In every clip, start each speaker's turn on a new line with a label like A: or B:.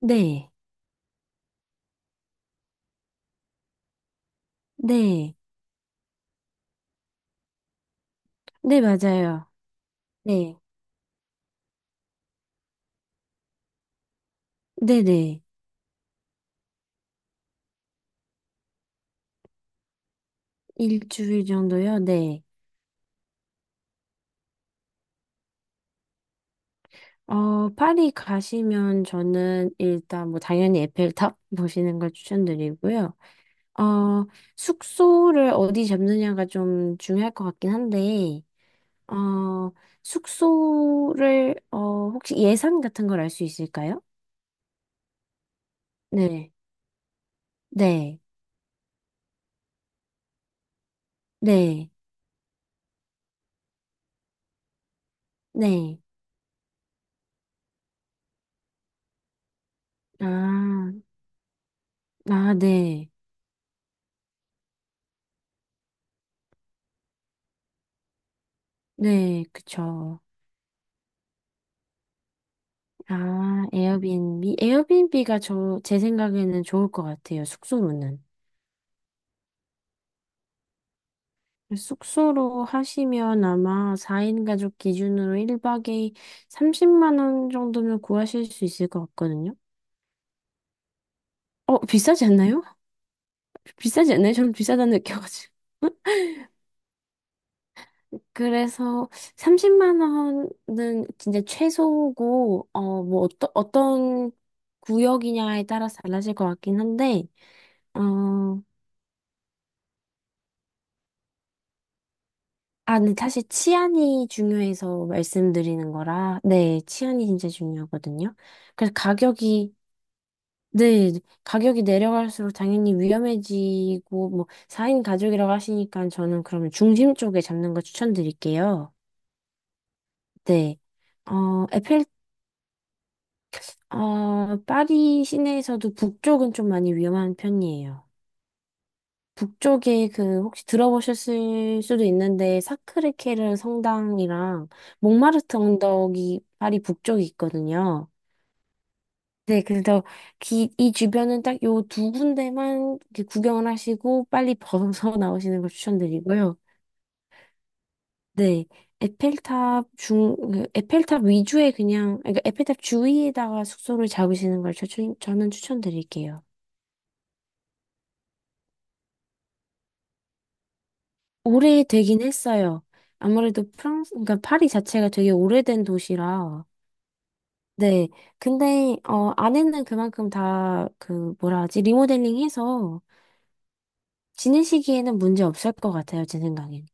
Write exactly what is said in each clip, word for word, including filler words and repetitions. A: 네, 네, 네, 맞아요. 네, 네네. 일주일 정도요? 네. 어, 파리 가시면 저는 일단 뭐 당연히 에펠탑 보시는 걸 추천드리고요. 어, 숙소를 어디 잡느냐가 좀 중요할 것 같긴 한데, 어, 숙소를, 어, 혹시 예산 같은 걸 알 수 있을까요? 네, 네, 네, 네. 아, 아, 네, 네, 그쵸. 아, 에어비앤비. 에어비앤비가 저, 제 생각에는 좋을 것 같아요. 숙소로는. 숙소로 하시면 아마 사 인 가족 기준으로 일 박에 삼십만 원 정도면 구하실 수 있을 것 같거든요. 어, 비싸지 않나요? 비싸지 않나요? 저는 비싸다는 느껴가지고. 그래서 삼십만 원은 진짜 최소고, 어, 뭐, 어떠, 어떤 구역이냐에 따라서 달라질 것 같긴 한데, 어, 아, 근데 사실 치안이 중요해서 말씀드리는 거라, 네, 치안이 진짜 중요하거든요. 그래서 가격이, 네, 가격이 내려갈수록 당연히 위험해지고, 뭐, 사 인 가족이라고 하시니까 저는 그러면 중심 쪽에 잡는 거 추천드릴게요. 네. 어, 에펠, 어, 파리 시내에서도 북쪽은 좀 많이 위험한 편이에요. 북쪽에 그 혹시 들어보셨을 수도 있는데 사크르케르 성당이랑 몽마르트 언덕이 파리 북쪽에 있거든요. 네, 그래서 기, 이 주변은 딱 요 두 군데만 이렇게 구경을 하시고 빨리 벗어나오시는 걸 추천드리고요. 네, 에펠탑 중, 그 에펠탑 위주에 그냥, 그러니까 에펠탑 주위에다가 숙소를 잡으시는 걸 추천, 저는 추천드릴게요. 오래되긴 했어요. 아무래도 프랑스, 그러니까 파리 자체가 되게 오래된 도시라 네. 근데, 어, 안에는 그만큼 다, 그, 뭐라 하지, 리모델링 해서 지내시기에는 문제 없을 것 같아요, 제 생각엔.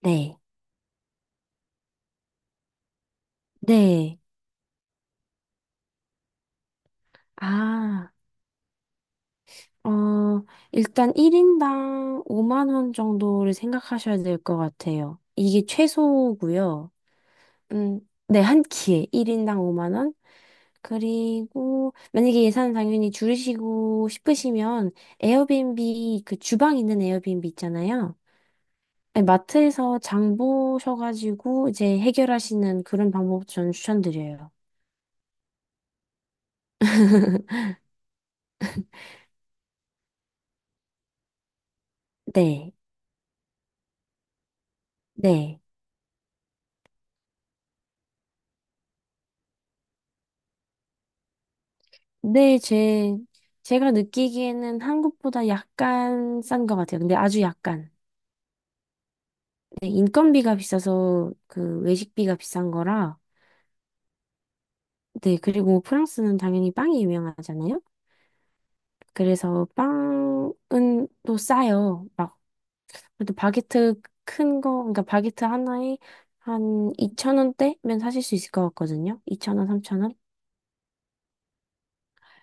A: 네. 네. 아, 어, 일단 일 인당 오만 원 정도를 생각하셔야 될 것 같아요. 이게 최소고요. 음, 네, 한 끼에 일 인당 오만 원? 그리고 만약에 예산 당연히 줄이시고 싶으시면 에어비앤비 그 주방 있는 에어비앤비 있잖아요. 아니, 마트에서 장 보셔가지고 이제 해결하시는 그런 방법 저는 추천드려요. 네, 네. 네, 제, 제가 느끼기에는 한국보다 약간 싼 것 같아요. 근데 아주 약간. 네, 인건비가 비싸서 그 외식비가 비싼 거라. 네, 그리고 프랑스는 당연히 빵이 유명하잖아요. 그래서 빵은 또 싸요. 막 그래도 바게트 큰 거, 그러니까 바게트 하나에 한이천 원대면 사실 수 있을 것 같거든요. 이천 원삼천 원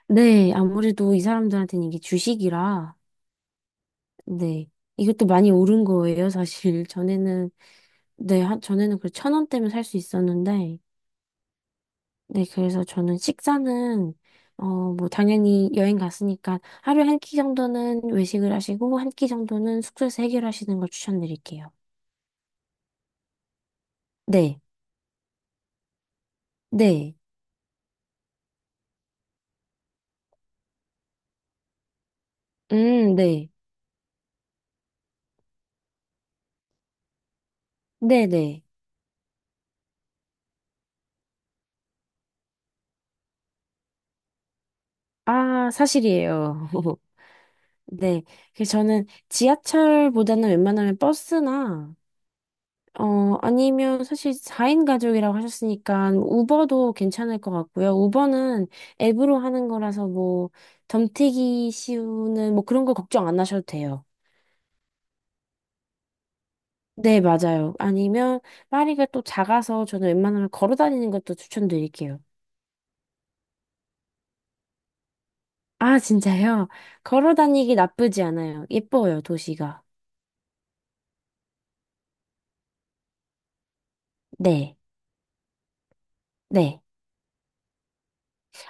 A: 네, 아무래도 이 사람들한테는 이게 주식이라, 네. 이것도 많이 오른 거예요, 사실. 전에는, 네, 한, 전에는 그천 원대면 살 수 있었는데, 네, 그래서 저는 식사는, 어, 뭐, 당연히 여행 갔으니까 하루에 한 끼 정도는 외식을 하시고, 한 끼 정도는 숙소에서 해결하시는 걸 추천드릴게요. 네, 네, 음, 네, 네네. 아, 사실이에요. 네. 그래서 저는 지하철보다는 웬만하면 버스나, 어, 아니면 사실 사 인 가족이라고 하셨으니까 우버도 괜찮을 것 같고요. 우버는 앱으로 하는 거라서 뭐, 덤태기 씌우는 뭐 그런 거 걱정 안 하셔도 돼요. 네, 맞아요. 아니면 파리가 또 작아서 저는 웬만하면 걸어 다니는 것도 추천드릴게요. 아, 진짜요? 걸어 다니기 나쁘지 않아요. 예뻐요, 도시가. 네. 네.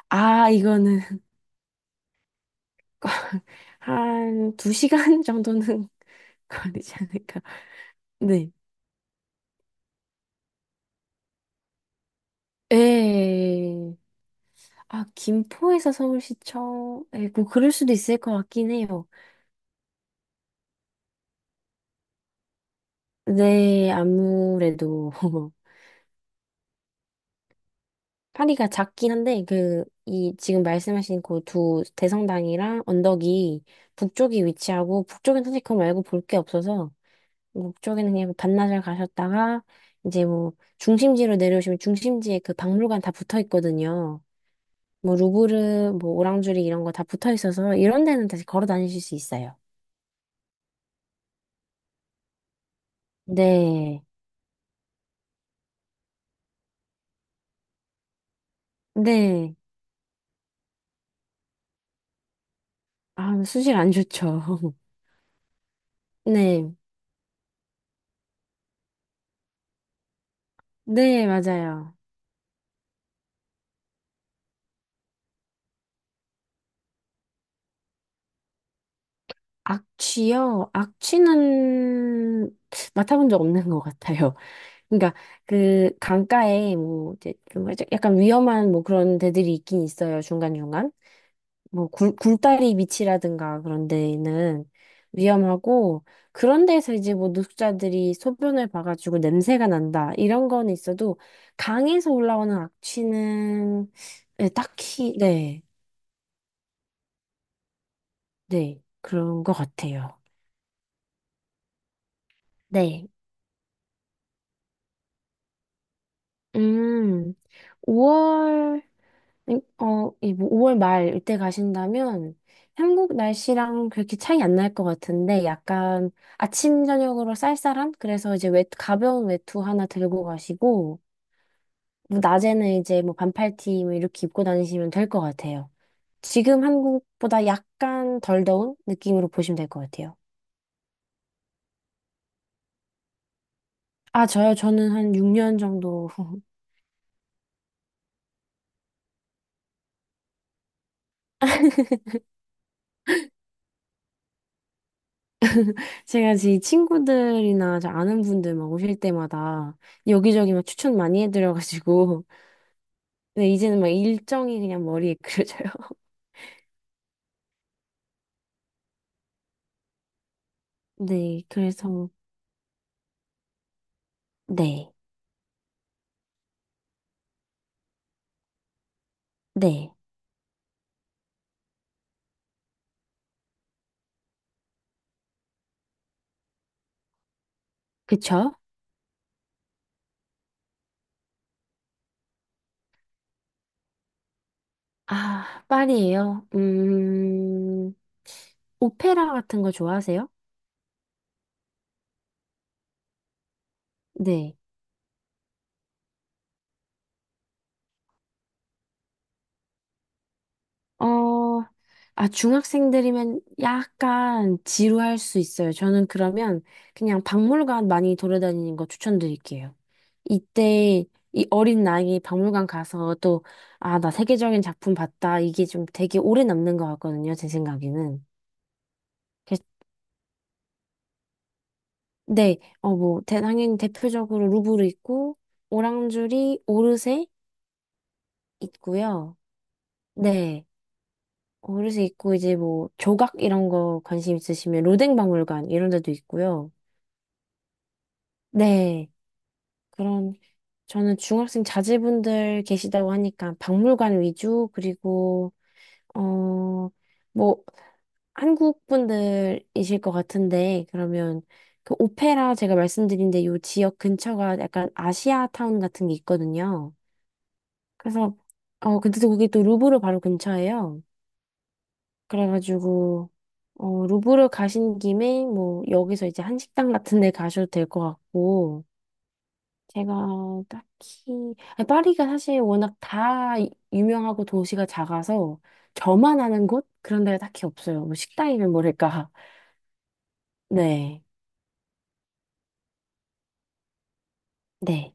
A: 아, 이거는 한 두 시간 정도는 걸리지 않을까. 네. 에. 아, 김포에서 서울시청에 뭐 그럴 수도 있을 것 같긴 해요. 네, 아무래도 파리가 작긴 한데 그 이 지금 말씀하신 그 두 대성당이랑 언덕이 북쪽이 위치하고 북쪽엔 사실 그거 말고 볼 게 없어서 북쪽에는 그냥 반나절 가셨다가 이제 뭐 중심지로 내려오시면 중심지에 그 박물관 다 붙어 있거든요. 뭐 루브르, 뭐 오랑주리 이런 거 다 붙어 있어서 이런 데는 다시 걸어 다니실 수 있어요. 네. 네. 아, 수질 안 좋죠. 네. 네, 맞아요. 악취요? 악취는 맡아본 적 없는 것 같아요. 그러니까 그 강가에 뭐 이제 좀 약간 위험한 뭐 그런 데들이 있긴 있어요. 중간중간. 뭐 굴, 굴다리 밑이라든가 그런 데는 위험하고 그런 데서 이제 뭐 노숙자들이 소변을 봐가지고 냄새가 난다 이런 건 있어도 강에서 올라오는 악취는 네, 딱히 네, 네 그런 것 같아요. 네. 음, 오월 이- 어, 이 오월 말 이때 가신다면 한국 날씨랑 그렇게 차이 안 날 것 같은데 약간 아침 저녁으로 쌀쌀한 그래서 이제 외 가벼운 외투 하나 들고 가시고 뭐 낮에는 이제 뭐 반팔티 뭐 이렇게 입고 다니시면 될 것 같아요. 지금 한국보다 약간 덜 더운 느낌으로 보시면 될 것 같아요. 아, 저요. 저는 한 육 년 정도 제가 제 친구들이나 저 아는 분들 막 오실 때마다 여기저기 막 추천 많이 해드려가지고 네, 이제는 막 일정이 그냥 머리에 그려져요. 네, 그래서, 네, 네. 그쵸? 아, 파리예요. 음, 오페라 같은 거 좋아하세요? 네. 어, 아, 중학생들이면 약간 지루할 수 있어요. 저는 그러면 그냥 박물관 많이 돌아다니는 거 추천드릴게요. 이때 이 어린 나이에 박물관 가서 또, 아, 나 세계적인 작품 봤다. 이게 좀 되게 오래 남는 것 같거든요. 제 생각에는. 네, 어, 뭐, 대- 당연히 대표적으로 루브르 있고, 오랑주리, 오르세 있고요. 네, 오르세 있고, 이제 뭐, 조각 이런 거 관심 있으시면 로댕 박물관 이런 데도 있고요. 네, 그럼 저는 중학생 자제분들 계시다고 하니까 박물관 위주, 그리고, 어, 뭐, 한국 분들이실 것 같은데, 그러면 그 오페라 제가 말씀드린 데요 지역 근처가 약간 아시아 타운 같은 게 있거든요. 그래서 어 근데 또 거기 또 루브르 바로 근처예요. 그래가지고 어 루브르 가신 김에 뭐 여기서 이제 한식당 같은 데 가셔도 될 것 같고 제가 딱히 아니, 파리가 사실 워낙 다 이- 유명하고 도시가 작아서 저만 아는 곳 그런 데가 딱히 없어요. 뭐 식당이면 모를까. 네, 네,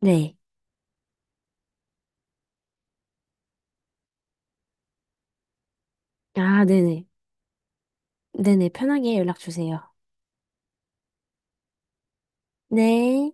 A: 네. 아, 네네, 네네. 편하게 연락 주세요. 네.